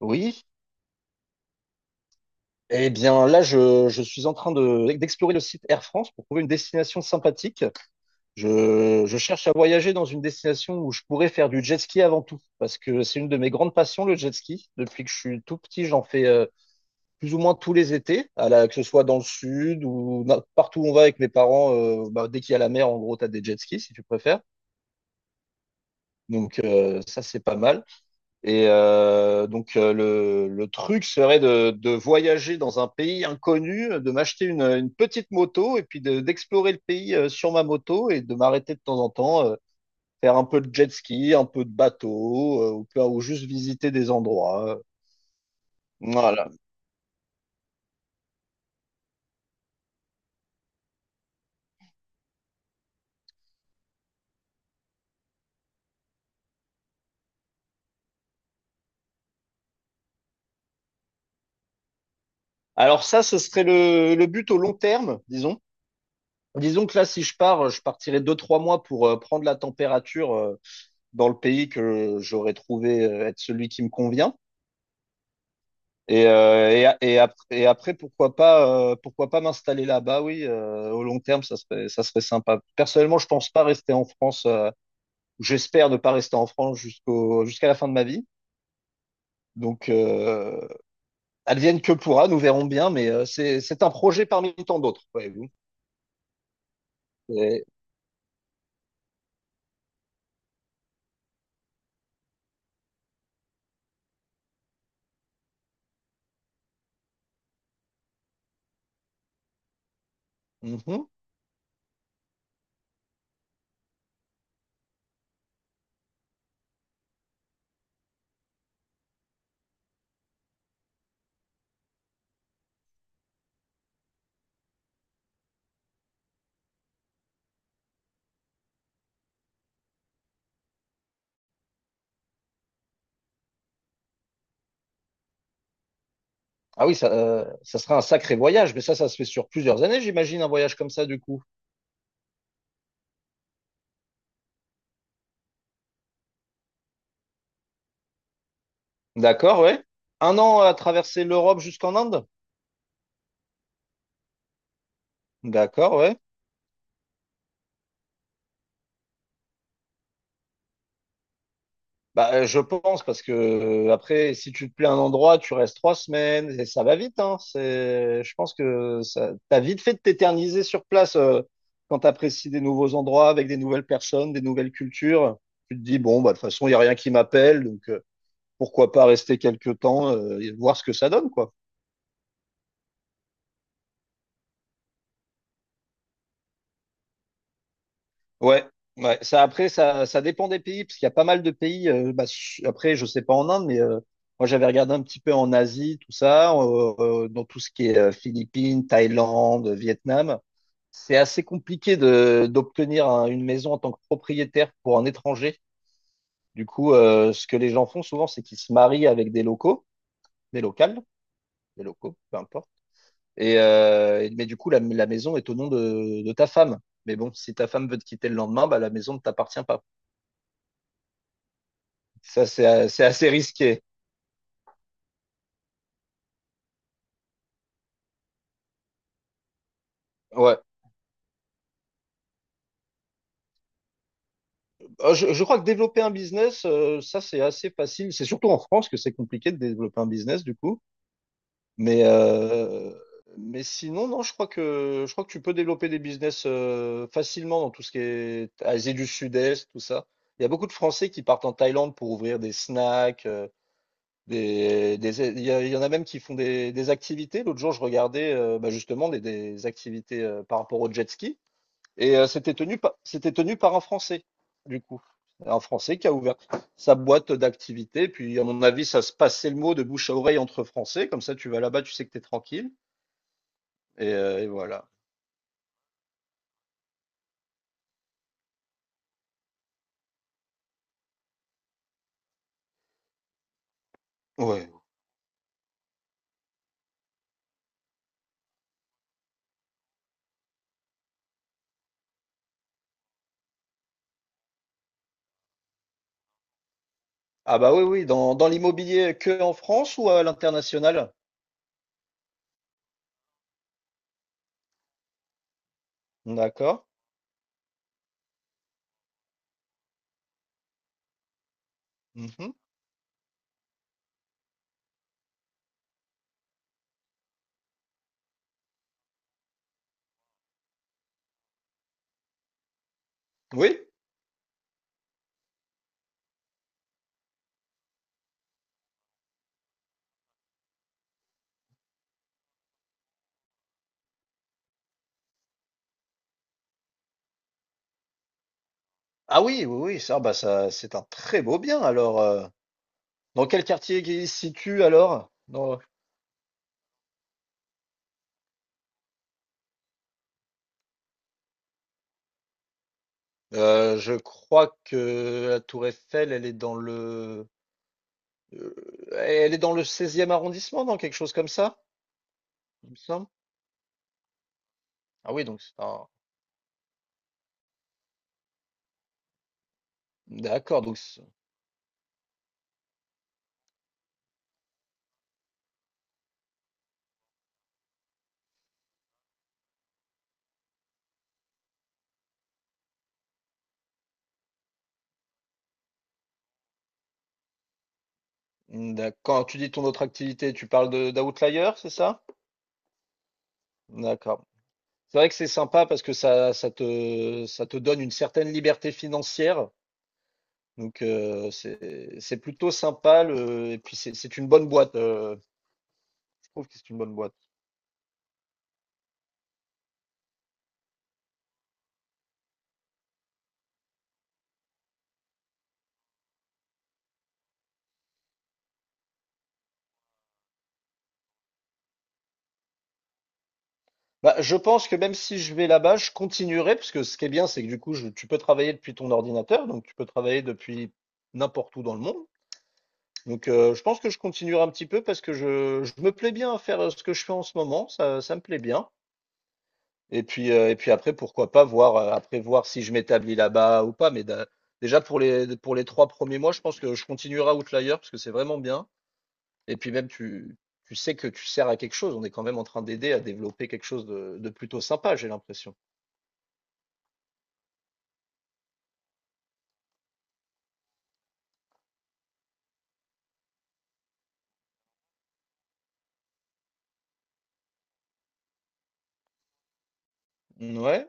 Oui. Eh bien, là, je suis en train d'explorer le site Air France pour trouver une destination sympathique. Je cherche à voyager dans une destination où je pourrais faire du jet ski avant tout, parce que c'est une de mes grandes passions, le jet ski. Depuis que je suis tout petit, j'en fais plus ou moins tous les étés, que ce soit dans le sud ou partout où on va avec mes parents. Bah, dès qu'il y a la mer, en gros, tu as des jet skis, si tu préfères. Donc, ça, c'est pas mal. Le truc serait de voyager dans un pays inconnu, de m'acheter une petite moto et puis d'explorer le pays sur ma moto et de m'arrêter de temps en temps, faire un peu de jet ski, un peu de bateau, ou, ou juste visiter des endroits. Voilà. Alors ça, ce serait le but au long terme, disons. Disons que là, si je pars, je partirai 2, 3 mois pour prendre la température dans le pays que j'aurais trouvé être celui qui me convient. Et après, pourquoi pas m'installer là-bas, oui, au long terme, ça serait sympa. Personnellement, je pense pas rester en France, j'espère ne pas rester en France jusqu'à la fin de ma vie. Donc, advienne que pourra, nous verrons bien, mais c'est un projet parmi tant d'autres, voyez-vous. Et- Mhm. Ah oui, ça, ça sera un sacré voyage, mais ça se fait sur plusieurs années, j'imagine, un voyage comme ça, du coup. D'accord, ouais. Un an à traverser l'Europe jusqu'en Inde? D'accord, ouais. Bah, je pense parce que après, si tu te plais à un endroit, tu restes 3 semaines et ça va vite, hein. C'est, je pense que ça, t'as vite fait de t'éterniser sur place quand t'apprécies des nouveaux endroits avec des nouvelles personnes, des nouvelles cultures. Tu te dis bon, bah de toute façon, il y a rien qui m'appelle, donc pourquoi pas rester quelques temps et voir ce que ça donne, quoi. Ouais, ouais. Ça, après, ça dépend des pays, parce qu'il y a pas mal de pays. Bah, après, je sais pas en Inde, mais moi, j'avais regardé un petit peu en Asie, tout ça, dans tout ce qui est Philippines, Thaïlande, Vietnam. C'est assez compliqué de d'obtenir une maison en tant que propriétaire pour un étranger. Du coup, ce que les gens font souvent, c'est qu'ils se marient avec des locaux, des locales, des locaux, peu importe. Mais du coup, la maison est au nom de ta femme. Mais bon, si ta femme veut te quitter le lendemain, bah, la maison ne t'appartient pas. Ça, c'est c'est assez risqué. Ouais. Je crois que développer un business, ça, c'est assez facile. C'est surtout en France que c'est compliqué de développer un business, du coup. Mais, euh, mais sinon, non, je crois que tu peux développer des business facilement dans tout ce qui est Asie du Sud-Est, tout ça. Il y a beaucoup de Français qui partent en Thaïlande pour ouvrir des snacks. Des, il y en a même qui font des activités. L'autre jour, je regardais bah, justement des activités par rapport au jet ski. Et c'était tenu, c'était tenu par un Français, du coup. Un Français qui a ouvert sa boîte d'activité. Puis, à mon avis, ça se passait le mot de bouche à oreille entre Français. Comme ça, tu vas là-bas, tu sais que tu es tranquille. Et voilà. Ouais. Ah bah oui, oui, dans, dans l'immobilier que en France ou à l'international? D'accord. Mhm. Oui. Ah oui, oui, oui, ça, bah ça, c'est un très beau bien. Alors, dans quel quartier il se situe alors? Je crois que la Tour Eiffel, elle est dans le Heu, elle est dans le seizième arrondissement, dans quelque chose comme ça, il me semble? Ah oui, donc c'est un d'accord, donc c mmh, d'ac quand tu dis ton autre activité, tu parles de d'Outlier, c'est ça? D'accord. C'est vrai que c'est sympa parce que ça ça te donne une certaine liberté financière, donc c'est plutôt sympa le et puis c'est une bonne boîte, je trouve que c'est une bonne boîte. Bah, je pense que même si je vais là-bas, je continuerai parce que ce qui est bien, c'est que du coup, je tu peux travailler depuis ton ordinateur, donc tu peux travailler depuis n'importe où dans le monde. Donc, je pense que je continuerai un petit peu parce que je me plais bien à faire ce que je fais en ce moment, ça me plaît bien. Et puis après, pourquoi pas voir, après voir si je m'établis là-bas ou pas. Mais déjà pour les 3 premiers mois, je pense que je continuerai à Outlier parce que c'est vraiment bien. Et puis même, tu sais que tu sers à quelque chose. On est quand même en train d'aider à développer quelque chose de plutôt sympa, j'ai l'impression. Ouais.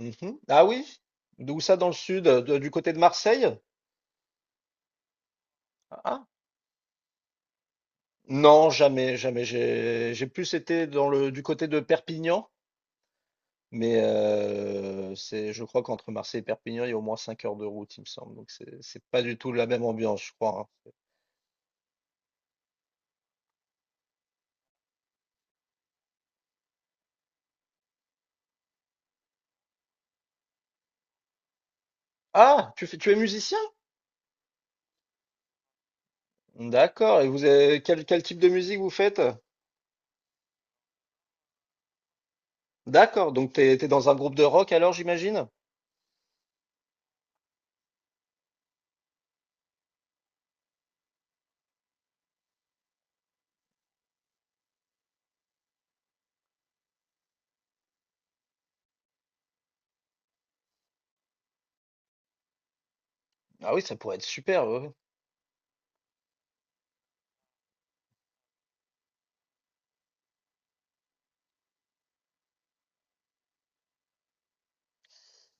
Mhm. Ah oui? D'où ça dans le sud, du côté de Marseille? Ah, non, jamais, jamais. J'ai plus été dans le du côté de Perpignan, mais c'est, je crois qu'entre Marseille et Perpignan, il y a au moins 5 heures de route, il me semble. Donc c'est pas du tout la même ambiance, je crois. Hein. Ah, tu fais, tu es musicien? D'accord. Et vous avez, quel, quel type de musique vous faites? D'accord. Donc t'es dans un groupe de rock alors, j'imagine? Ah oui, ça pourrait être super. Ouais, ouais.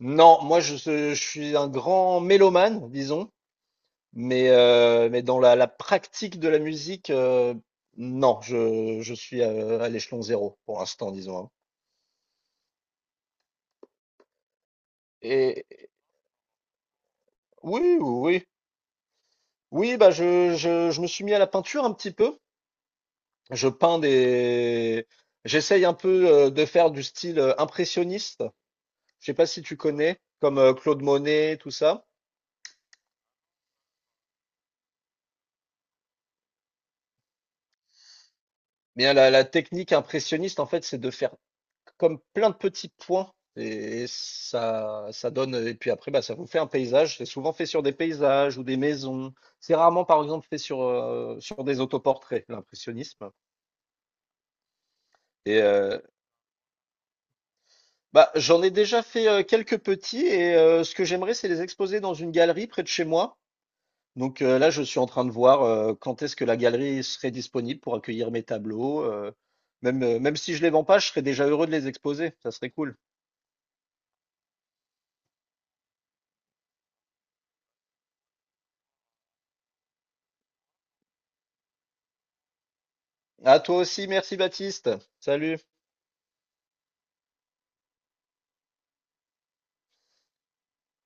Non, moi je suis un grand mélomane, disons. Mais dans la, la pratique de la musique, non, je suis à l'échelon zéro pour l'instant, disons. Hein. Et oui, oui, oui, oui, bah je me suis mis à la peinture un petit peu. Je peins des. J'essaye un peu de faire du style impressionniste. Je sais pas si tu connais, comme Claude Monet, tout ça. Bien, la technique impressionniste, en fait, c'est de faire comme plein de petits points. Et ça donne, et puis après, bah, ça vous fait un paysage. C'est souvent fait sur des paysages ou des maisons. C'est rarement, par exemple, fait sur, sur des autoportraits, l'impressionnisme. Et euh, Bah, j'en ai déjà fait quelques petits, et ce que j'aimerais, c'est les exposer dans une galerie près de chez moi. Donc là, je suis en train de voir quand est-ce que la galerie serait disponible pour accueillir mes tableaux. Même, même si je les vends pas, je serais déjà heureux de les exposer. Ça serait cool. À toi aussi, merci Baptiste. Salut.